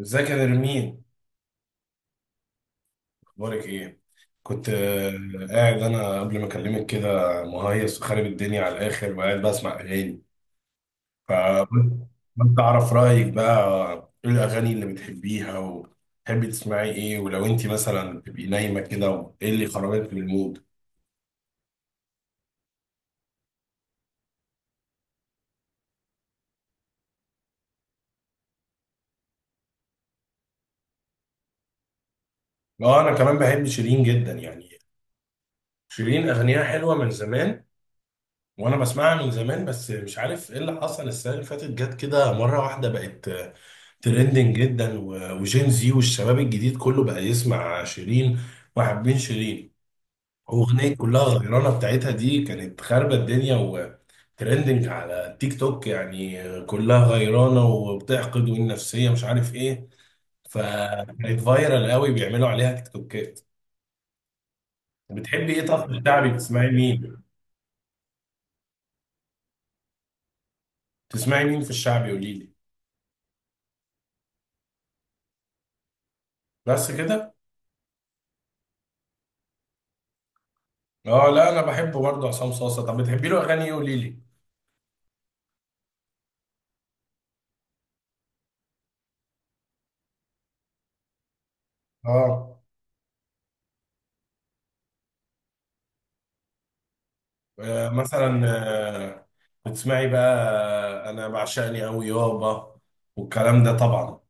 ازيك يا نرمين؟ اخبارك ايه؟ كنت قاعد انا قبل ما اكلمك كده، مهيص وخارب الدنيا على الاخر وقاعد بسمع اغاني، فكنت اعرف رايك بقى. ايه الاغاني اللي بتحبيها وتحبي تسمعي ايه؟ ولو انت مثلا تبقي نايمه كده، ايه اللي خرجك من المود؟ اه، انا كمان بحب شيرين جدا يعني. شيرين اغانيها حلوه من زمان، وانا بسمعها من زمان، بس مش عارف ايه اللي حصل السنه اللي فاتت، جت كده مره واحده بقت ترندنج جدا وجين زي، والشباب الجديد كله بقى يسمع شيرين وحابين شيرين. اغنيه كلها غيرانه بتاعتها دي كانت خاربه الدنيا وترندنج على تيك توك، يعني كلها غيرانه وبتحقد والنفسيه مش عارف ايه. فكانت فايرال قوي بيعملوا عليها تيك توكات. بتحبي ايه؟ طب في الشعبي بتسمعي مين؟ بتسمعي مين في الشعبي؟ قولي لي. بس كده؟ اه، لا انا بحب برضه عصام صاصا. طب بتحبي له اغاني ايه؟ قولي لي. اه. مثلا بتسمعي بقى؟ انا بعشقني قوي يابا والكلام ده طبعا.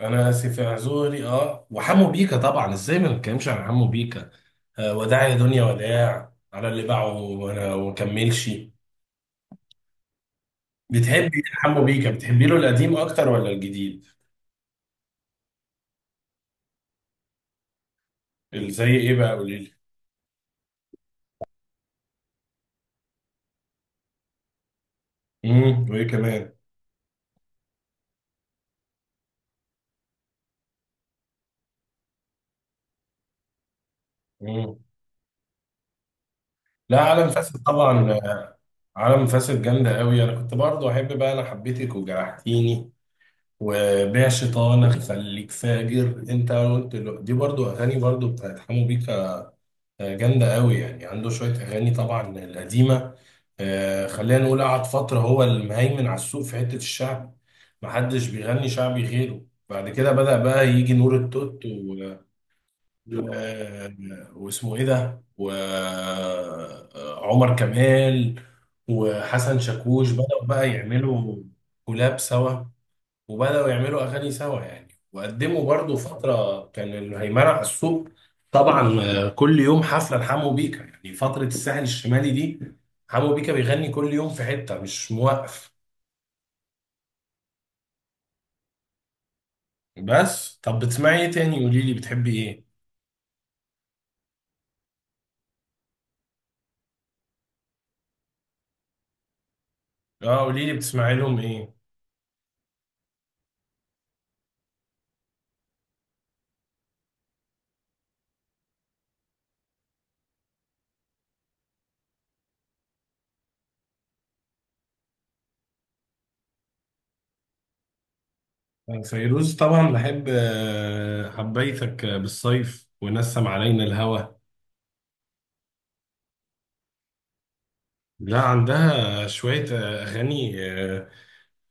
انا اسف يا اعذوري. اه، وحمو بيكا طبعا، ازاي ما نتكلمش عن حمو بيكا؟ وداع يا دنيا وداع على اللي باعه وانا ومكملش. بتحبي إيه حمو بيكا؟ بتحبي له القديم اكتر ولا الجديد؟ زي ايه بقى؟ قولي لي. امم، وايه كمان؟ امم. لا، عالم فاسد طبعا. عالم فاسد جامدة قوي. أنا كنت برضو أحب بقى أنا حبيتك وجرحتيني، وبيع شيطان، أخليك فاجر، أنت قلت له، دي برضو أغاني برضو بتاعت حمو بيكا جامدة قوي. يعني عنده شوية أغاني طبعا القديمة. خلينا نقول قعد فترة هو المهيمن على السوق في حتة الشعب، محدش بيغني شعبي غيره. بعد كده بدأ بقى يجي نور التوت، آه، واسمه ايه ده، وعمر كمال وحسن شاكوش، بدأوا بقى يعملوا كولاب سوا، وبدأوا يعملوا اغاني سوا يعني، وقدموا برضو فترة كان الهيمنة على السوق طبعا. كل يوم حفلة لحمو بيكا، يعني فترة الساحل الشمالي دي حمو بيكا بيغني كل يوم في حتة، مش موقف. بس طب بتسمعي ايه تاني؟ قولي لي بتحبي ايه. اه، قولي لي بتسمعي لهم ايه. فيروز طبعا بحب، حبيتك بالصيف ونسم علينا الهوى. لا عندها شوية أغاني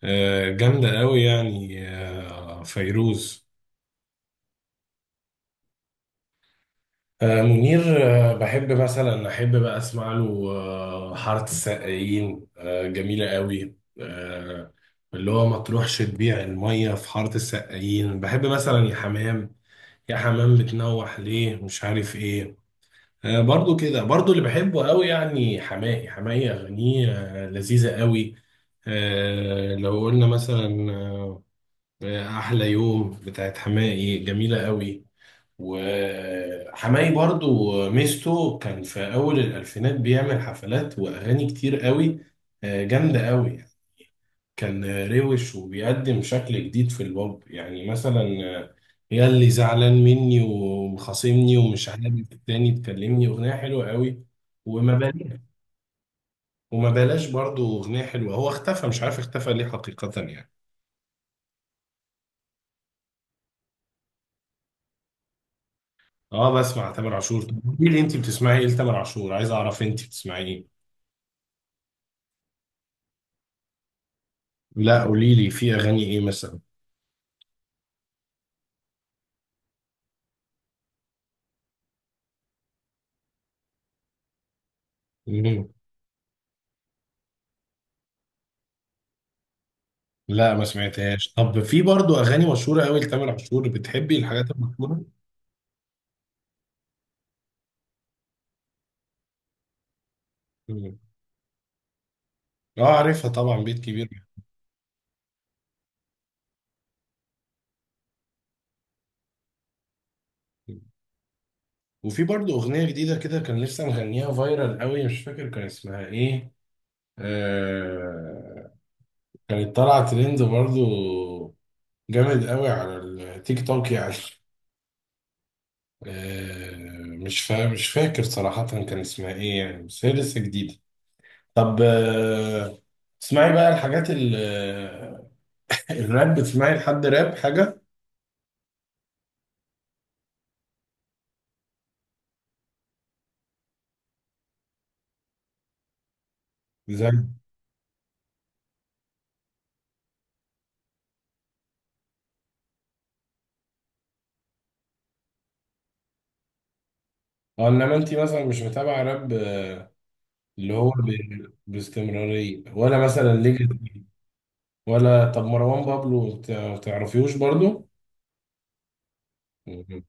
جامدة قوي يعني فيروز. منير، بحب مثلا أحب بقى أسمع له حارة السقايين، جميلة قوي. آه، اللي هو ما تروحش تبيع المية في حارة السقايين. بحب مثلا يا حمام، يا حمام بتنوح ليه مش عارف إيه. برضو كده، برضو اللي بحبه قوي يعني حماقي. حماقي أغانيه لذيذة قوي. لو قلنا مثلا، أحلى يوم بتاعت حماقي جميلة قوي. وحماقي برضو ميزته كان في أول الألفينات بيعمل حفلات وأغاني كتير قوي، جامدة قوي. كان روش وبيقدم شكل جديد في البوب، يعني مثلا يا اللي زعلان مني ومخاصمني ومش عاجب التاني تكلمني، اغنيه حلوه قوي. وما بلاش، وما بلاش برضه اغنيه حلوه. هو اختفى، مش عارف اختفى ليه حقيقه يعني. اه، بسمع تامر عاشور. طب قولي لي انت بتسمعي ايه لتامر عاشور؟ عايز اعرف انت بتسمعي ايه. لا قولي لي، في اغاني ايه مثلا؟ مم. لا ما سمعتهاش. طب في برضه اغاني مشهوره قوي لتامر عاشور، بتحبي الحاجات المشهوره. مم. اه عارفها طبعا، بيت كبير. يعني. وفي برضه أغنية جديدة كده كان لسه مغنيها فايرال قوي، مش فاكر كان اسمها إيه. آه، كانت طالعة ترند برضه جامد قوي على التيك توك يعني. آه، مش فاكر صراحة كان اسمها إيه يعني، بس هي لسه جديدة. طب آه، اسمعي بقى الحاجات ال... آه، الراب. بتسمعي لحد راب حاجة؟ زي، اه، انما انت مثلا مش متابعة راب اللي هو ب... باستمرارية؟ ولا مثلا ليجاسي؟ ولا طب مروان بابلو تعرفيوش برضو؟ مهم.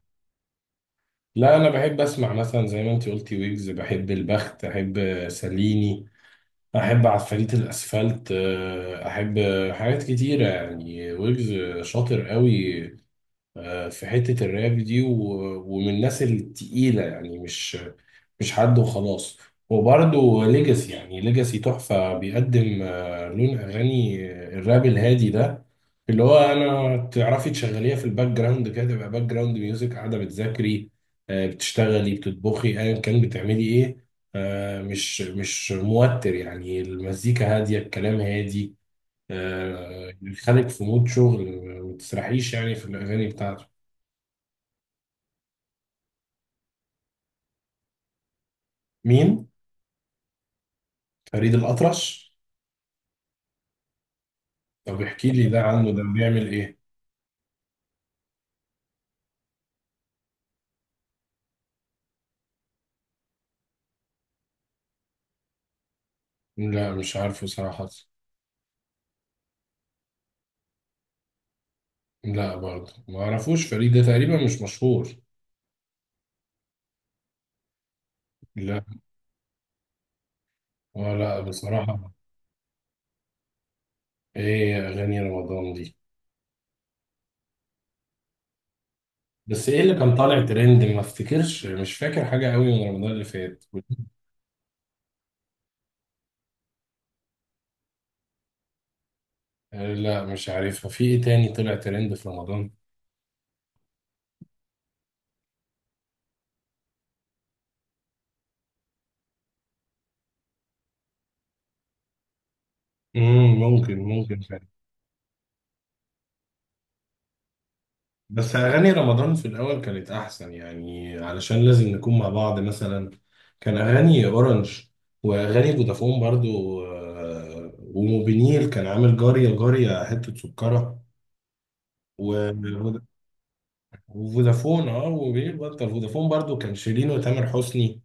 لا انا بحب اسمع مثلا زي ما انت قلتي ويجز، بحب البخت، احب ساليني، احب عفاريت الاسفلت، احب حاجات كتيره يعني. ويجز شاطر قوي في حته الراب دي، ومن الناس التقيله يعني، مش مش حد وخلاص. وبرضه ليجاسي يعني ليجاسي تحفة، بيقدم لون أغاني الراب الهادي ده، اللي هو أنا تعرفي تشغليها في الباك جراوند كده، تبقى باك جراوند ميوزك، قاعدة بتذاكري بتشتغلي بتطبخي أيا كان بتعملي إيه. مش مش موتر يعني، المزيكا هادية الكلام هادي، يخليك في مود شغل. ما تسرحيش يعني في الأغاني بتاعته. مين؟ فريد الأطرش؟ طب احكي لي ده، عنه ده بيعمل إيه؟ لا مش عارفه صراحة. لا برضه ما اعرفوش فريد ده، تقريبا مش مشهور. لا. ولا بصراحة. ايه اغاني رمضان دي؟ بس ايه اللي كان طالع ترند؟ ما افتكرش، مش فاكر حاجة قوي من رمضان اللي فات. لا مش عارفها. في ايه تاني طلع ترند في رمضان؟ امم، ممكن ممكن. بس أغاني رمضان في الأول كانت أحسن يعني، علشان لازم نكون مع بعض مثلا. كان أغاني أورنج وأغاني فودافون برضو، وموبينيل كان عامل جارية جارية حتة سكرة، و- وفودافون، اه وموبينيل بطل، فودافون برضو كان شيرين وتامر حسني،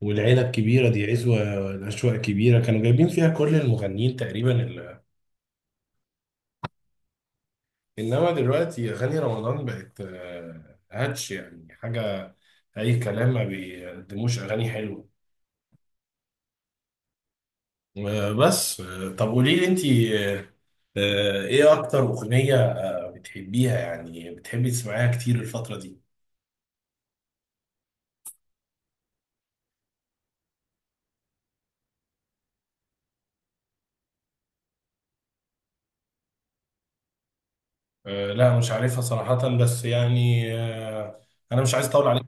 والعيلة الكبيرة دي عزوة، الأشواق كبيرة، كانوا جايبين فيها كل المغنيين تقريبا. انما دلوقتي اغاني رمضان بقت هاتش يعني، حاجه اي كلام، ما بيقدموش اغاني حلوه. بس طب قولي لي انت، ايه اكتر اغنيه بتحبيها يعني، بتحبي تسمعيها كتير الفتره دي؟ لا مش عارفها صراحه، بس يعني انا مش عايز اطول عليك،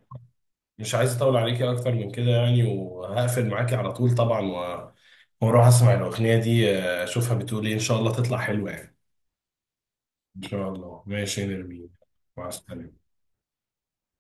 مش عايز اطول عليكي اكتر من كده يعني، وهقفل معاكي على طول طبعا، واروح اسمع الاغنيه دي، اشوفها بتقول ايه، ان شاء الله تطلع حلوه يعني. إن شاء الله. ماشي يا نرمين، مع السلامة.